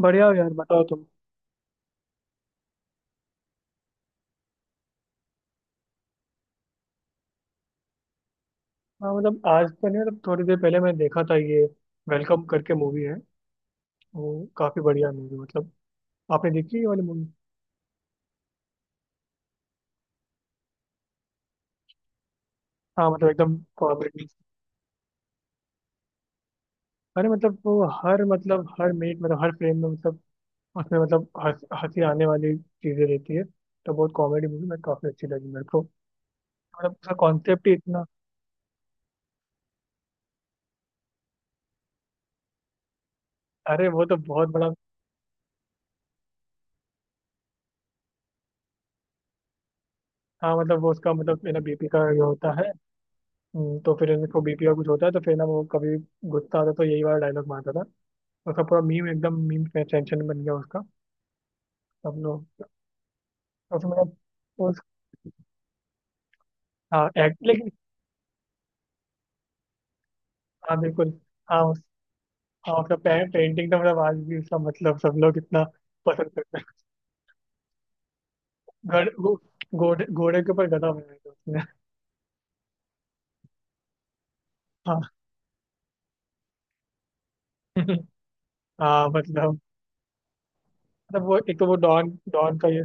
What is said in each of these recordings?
बढ़िया हो यार, बताओ तुम। हाँ मतलब आज तो नहीं, मतलब थोड़ी देर पहले मैंने देखा था ये, वेलकम करके मूवी है। वो काफी बढ़िया मूवी मतलब। आपने देखी ये वाली मूवी? हाँ मतलब एकदम कॉमेडी। अरे मतलब वो हर मतलब हर मिनट मतलब हर फ्रेम में मतलब उसमें मतलब हंसी आने वाली चीजें रहती है। तो बहुत कॉमेडी मूवी मैं काफी अच्छी लगी मेरे को। मतलब उसका कॉन्सेप्ट ही इतना। अरे वो तो बहुत बड़ा। हाँ मतलब वो उसका मतलब है ना बीपी का ये होता है। तो फिर इनको बीपी का कुछ होता है तो फिर ना वो कभी गुस्सा आता तो यही वाला डायलॉग मारता था। उसका पूरा मीम एकदम मीम सेंसेशन बन गया उसका। सब लोग उसमें मतलब उस। हाँ एक्ट लेकिन। हाँ बिल्कुल। हाँ उस। हाँ उसका पेंटिंग तो मतलब आज भी उसका मतलब सब लोग इतना पसंद करते हैं। गड़, गो, घोड़े घोड़े के ऊपर गधा बनाया था उसने। हाँ हाँ मतलब मतलब वो एक तो वो डॉन डॉन का ये।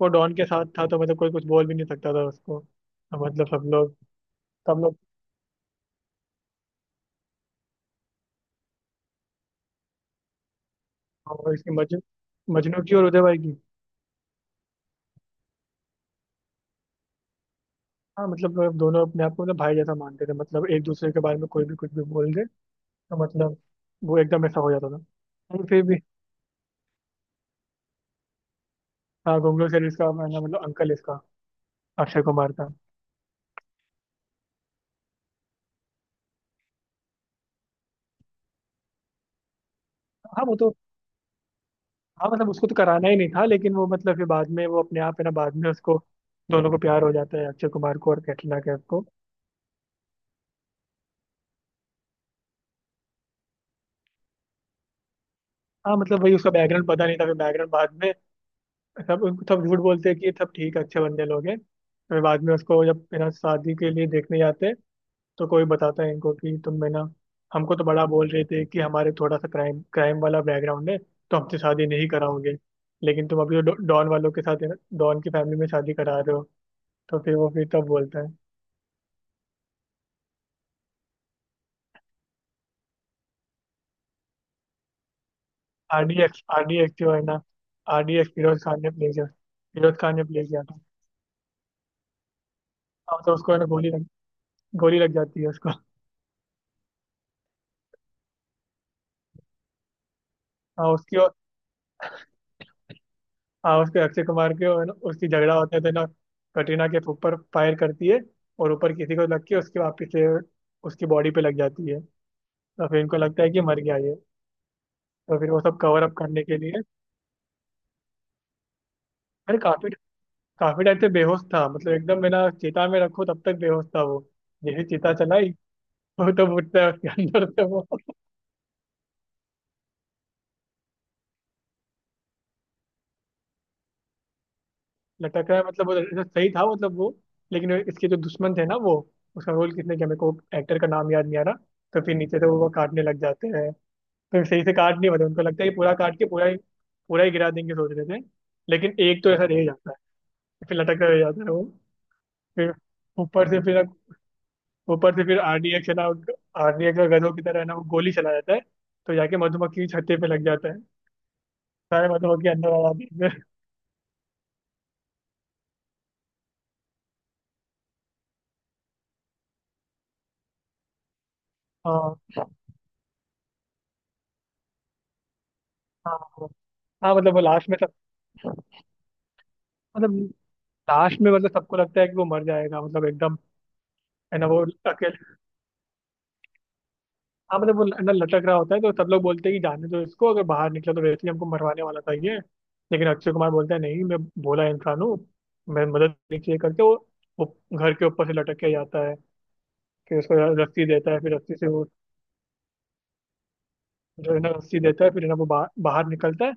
वो डॉन के साथ था तो मतलब कोई कुछ बोल भी नहीं सकता था उसको। तो मतलब सब लोग, सब लोग। हाँ, वो इसकी मजनू की और उदय भाई की। हाँ मतलब दोनों अपने आप को मतलब भाई जैसा मानते थे मतलब एक दूसरे के बारे में कोई भी कुछ भी बोल दे। तो मतलब वो एकदम ऐसा हो जाता था लेकिन फिर भी। हाँ गोगलो सर इसका, मैं ना मतलब अंकल इसका अक्षय कुमार था। हाँ वो तो। हाँ मतलब उसको तो कराना ही नहीं था लेकिन वो मतलब फिर बाद में वो अपने आप है ना, बाद में उसको दोनों को प्यार हो जाता है, अक्षय कुमार को और कैटरीना कैफ को। हाँ मतलब वही उसका बैकग्राउंड पता नहीं था, फिर बैकग्राउंड बाद में सब उनको, सब झूठ बोलते हैं कि सब ठीक है, अच्छे बंदे लोग हैं। फिर बाद में उसको जब है ना शादी के लिए देखने जाते हैं तो कोई बताता है इनको कि तुम है ना, हमको तो बड़ा बोल रहे थे कि हमारे थोड़ा सा क्राइम क्राइम वाला बैकग्राउंड है तो हमसे शादी नहीं कराओगे, लेकिन तुम अभी वो डॉन वालों के साथ है ना, डॉन की फैमिली में शादी करा रहे हो। तो फिर वो फिर तब बोलता है। आर डी एक्स जो है ना, R D X Firoz Khan ने प्ले किया। फिरोज खान ने प्ले किया था। हाँ तो उसको है ना गोली लग जाती है उसको। हाँ उसकी और-। हाँ उसके अक्षय कुमार के और ना उसकी झगड़ा होता है तो ना कटरीना के ऊपर फायर करती है और ऊपर किसी को लग के उसके वापिस से उसकी बॉडी पे लग जाती है। तो फिर इनको लगता है कि मर गया ये। तो फिर वो सब कवर अप करने के लिए। अरे काफी काफी टाइम से बेहोश था मतलब एकदम, मेरा चिता में रखो तब तक बेहोश था वो। जैसे चिता चलाई वो तो उठता है उसके अंदर से वो। लटक रहा है मतलब वो ऐसा सही था मतलब वो, लेकिन इसके जो दुश्मन थे ना वो, उसका रोल किसने किया मेरे को एक्टर का नाम याद नहीं आ रहा। तो फिर नीचे से वो काटने लग जाते हैं। फिर सही से काट नहीं पाते, उनको लगता है कि पूरा काट के पूरा ही गिरा देंगे सोच रहे थे, लेकिन एक तो ऐसा रह जाता है। फिर लटक कर रह जाता है वो। फिर ऊपर से फिर ऊपर से फिर आरडीए चला। आरडीए का गधों की तरह है ना वो गोली चला जाता है तो जाके मधुमक्खी की छत्ते पे लग जाता है। सारे मधुमक्खी अंदर आ जाती है। हाँ हाँ। हाँ हाँ, मतलब वो लास्ट में सब, मतलब लास्ट में मतलब सबको लगता है कि वो मर जाएगा मतलब एकदम, है ना वो अकेले। हाँ मतलब वो है ना लटक रहा होता है तो सब लोग बोलते हैं कि जाने दो इसको, अगर बाहर निकला तो वैसे ही हमको मरवाने वाला था ये। लेकिन अक्षय कुमार बोलता है नहीं, मैं भोला इंसान हूँ, मैं मदद नीचे करके वो घर के ऊपर से लटक के जाता है। फिर उसको रस्सी देता है, फिर रस्सी से वो जो है ना रस्सी देता है फिर है ना वो बाहर निकलता है,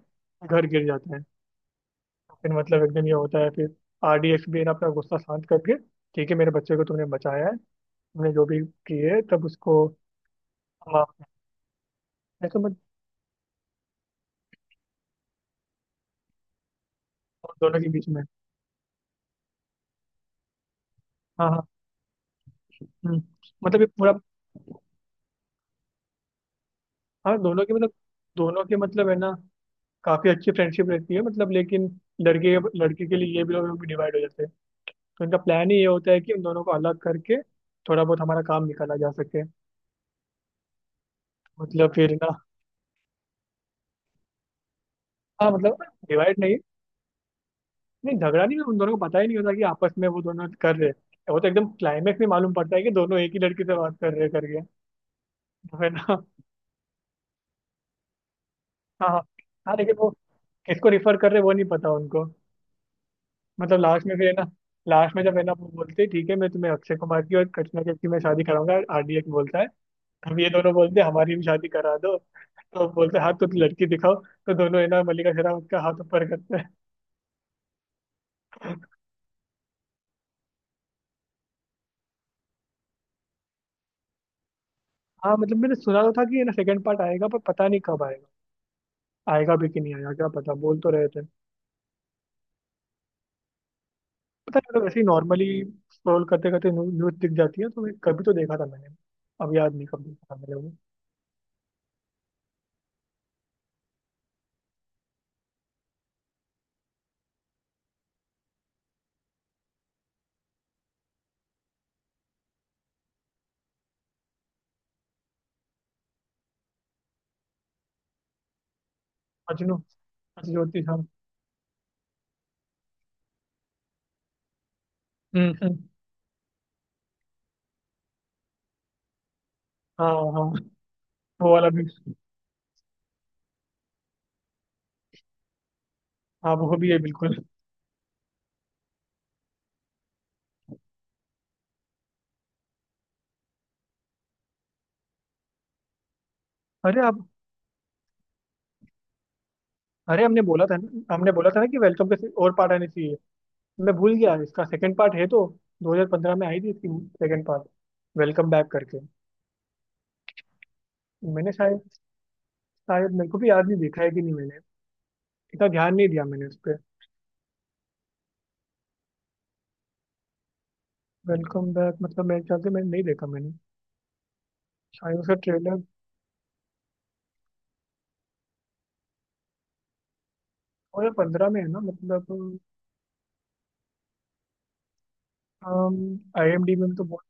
घर गिर जाता है। फिर मतलब एकदम ये होता है, फिर आरडीएक्स भी है ना अपना गुस्सा शांत करके ठीक है मेरे बच्चे को तूने बचाया है, तूने जो भी किए तब उसको। हाँ। ऐसा मत। दोनों के बीच में। हाँ हाँ। हम्म, मतलब ये पूरा। हाँ दोनों के मतलब है ना काफी अच्छी फ्रेंडशिप रहती है मतलब, लेकिन लड़के लड़के के लिए ये भी लोग भी डिवाइड हो जाते हैं, तो इनका प्लान ही ये होता है कि उन दोनों को अलग करके थोड़ा बहुत हमारा काम निकाला जा सके। मतलब फिर ना। हाँ मतलब डिवाइड नहीं, नहीं झगड़ा नहीं, उन दोनों को पता ही नहीं होता कि आपस में वो दोनों कर रहे हैं, वो तो एकदम क्लाइमेक्स में मालूम पड़ता है कि दोनों एक ही लड़की से बात कर रहे हैं करके। तो फिर ना। हाँ हाँ। हाँ, लेकिन वो किसको रिफर कर रहे हैं, वो नहीं पता उनको। मतलब लास्ट में फिर है ना, लास्ट में जब है ना वो बोलते हैं ठीक है मैं तुम्हें अक्षय कुमार की और कटरीना कैफ की मैं शादी कराऊंगा, आरडीएक्स बोलता है। तब ये दोनों बोलते हैं हमारी भी शादी करा दो, तो बोलते हैं हाथ तो लड़की दिखाओ, तो दोनों है ना मल्लिका शेरावत का हाथ ऊपर करते हैं। हाँ मतलब मैंने सुना तो था कि ये ना सेकंड पार्ट आएगा पर पता नहीं कब आएगा, आएगा भी कि नहीं आएगा क्या पता, बोल तो रहे थे। पता नहीं मतलब ऐसे ही नॉर्मली स्क्रॉल करते करते न्यूज दिख जाती है तो मैं कभी तो देखा था मैंने, अब याद नहीं कब देखा था मैंने वो। अजनू। अजयोति, हाँ। हम्म हम्म, हाँ हाँ। वो वाला भी। हाँ वो भी है बिल्कुल। अरे आप। अरे हमने बोला था ना कि वेलकम और पार्ट आने चाहिए। मैं भूल गया इसका सेकंड पार्ट है तो 2015 में आई थी इसकी सेकंड पार्ट, वेलकम बैक करके। मैंने शायद, शायद मेरे को भी याद नहीं देखा है कि नहीं मैंने, इतना ध्यान नहीं दिया मैंने उस पर। वेलकम बैक मतलब मेरे ख्याल से मैंने नहीं देखा मैंने, शायद उसका ट्रेलर। 2015 में है ना मतलब। आई एम डी में तो बहुत,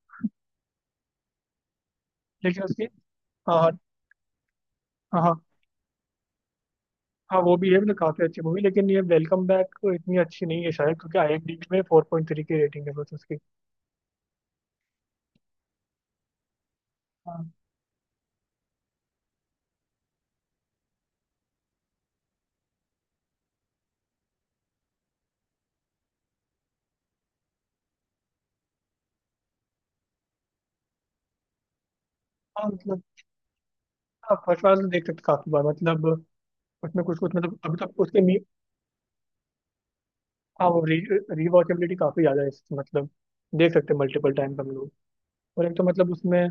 लेकिन उसकी। हाँ हाँ। हाँ हाँ। हाँ, वो भी है मतलब काफी अच्छी मूवी, लेकिन ये वेलकम बैक इतनी अच्छी नहीं है शायद क्योंकि आई एम डी में फोर पॉइंट थ्री की रेटिंग है बस उसकी। हाँ। हाँ मतलब। हाँ फर्स्ट बार तो देख सकते काफी बार, मतलब उसमें कुछ कुछ मतलब अभी तक उसके मी। हाँ वो री रिवॉचेबिलिटी काफी ज्यादा है इसकी मतलब। देख सकते हैं मल्टीपल टाइम हम लोग। और एक तो मतलब उसमें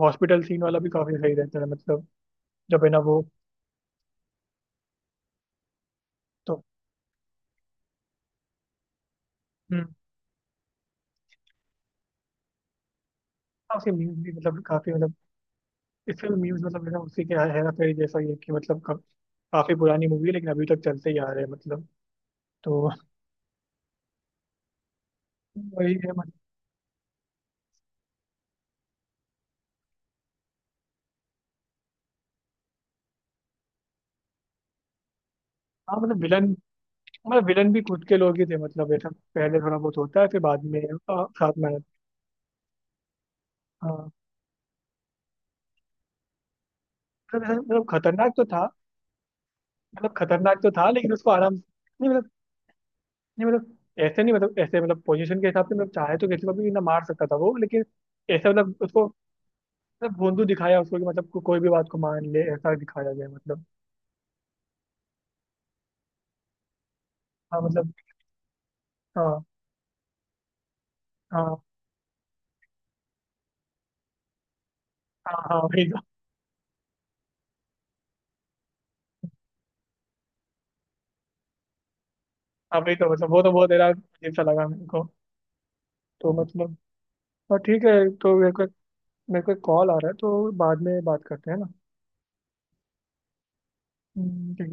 हॉस्पिटल सीन वाला भी काफी सही रहता है मतलब जब है ना वो। तो। हम्म। हाँ, उसकी म्यूजिक भी मतलब काफी मतलब, इसका न्यूज मतलब है ना, उसी के हेरा फेरी जैसा ही है कि मतलब कब, काफी पुरानी मूवी है लेकिन अभी तक चलते ही आ रहे हैं मतलब। तो वही है मतलब। हाँ मतलब विलन, मतलब विलन भी खुद के लोग ही थे मतलब, ऐसा पहले थोड़ा बहुत होता है फिर बाद में। आ, साथ में आया। हाँ मतलब ऐसा- मतलब खतरनाक तो था, मतलब खतरनाक तो था लेकिन उसको आराम नहीं मतलब। नहीं मतलब ऐसे नहीं मतलब ऐसे मतलब पोजीशन के हिसाब से मतलब चाहे तो किसी को भी ना मार सकता था वो, लेकिन ऐसा मतलब उसको मतलब भोंदू दिखाया उसको कि मतलब कोई भी बात को मान ले ऐसा दिखाया गया मतलब। हाँ मतलब। हाँ हाँ। हाँ। हाँ वही तो। हाँ वही तो मतलब वो तो बहुत ज्यादा अजीब सा लगा मेरे को। तो मतलब। और ठीक है। तो मेरे को एक कॉल आ रहा है तो बाद में बात करते हैं ना। ठीक है।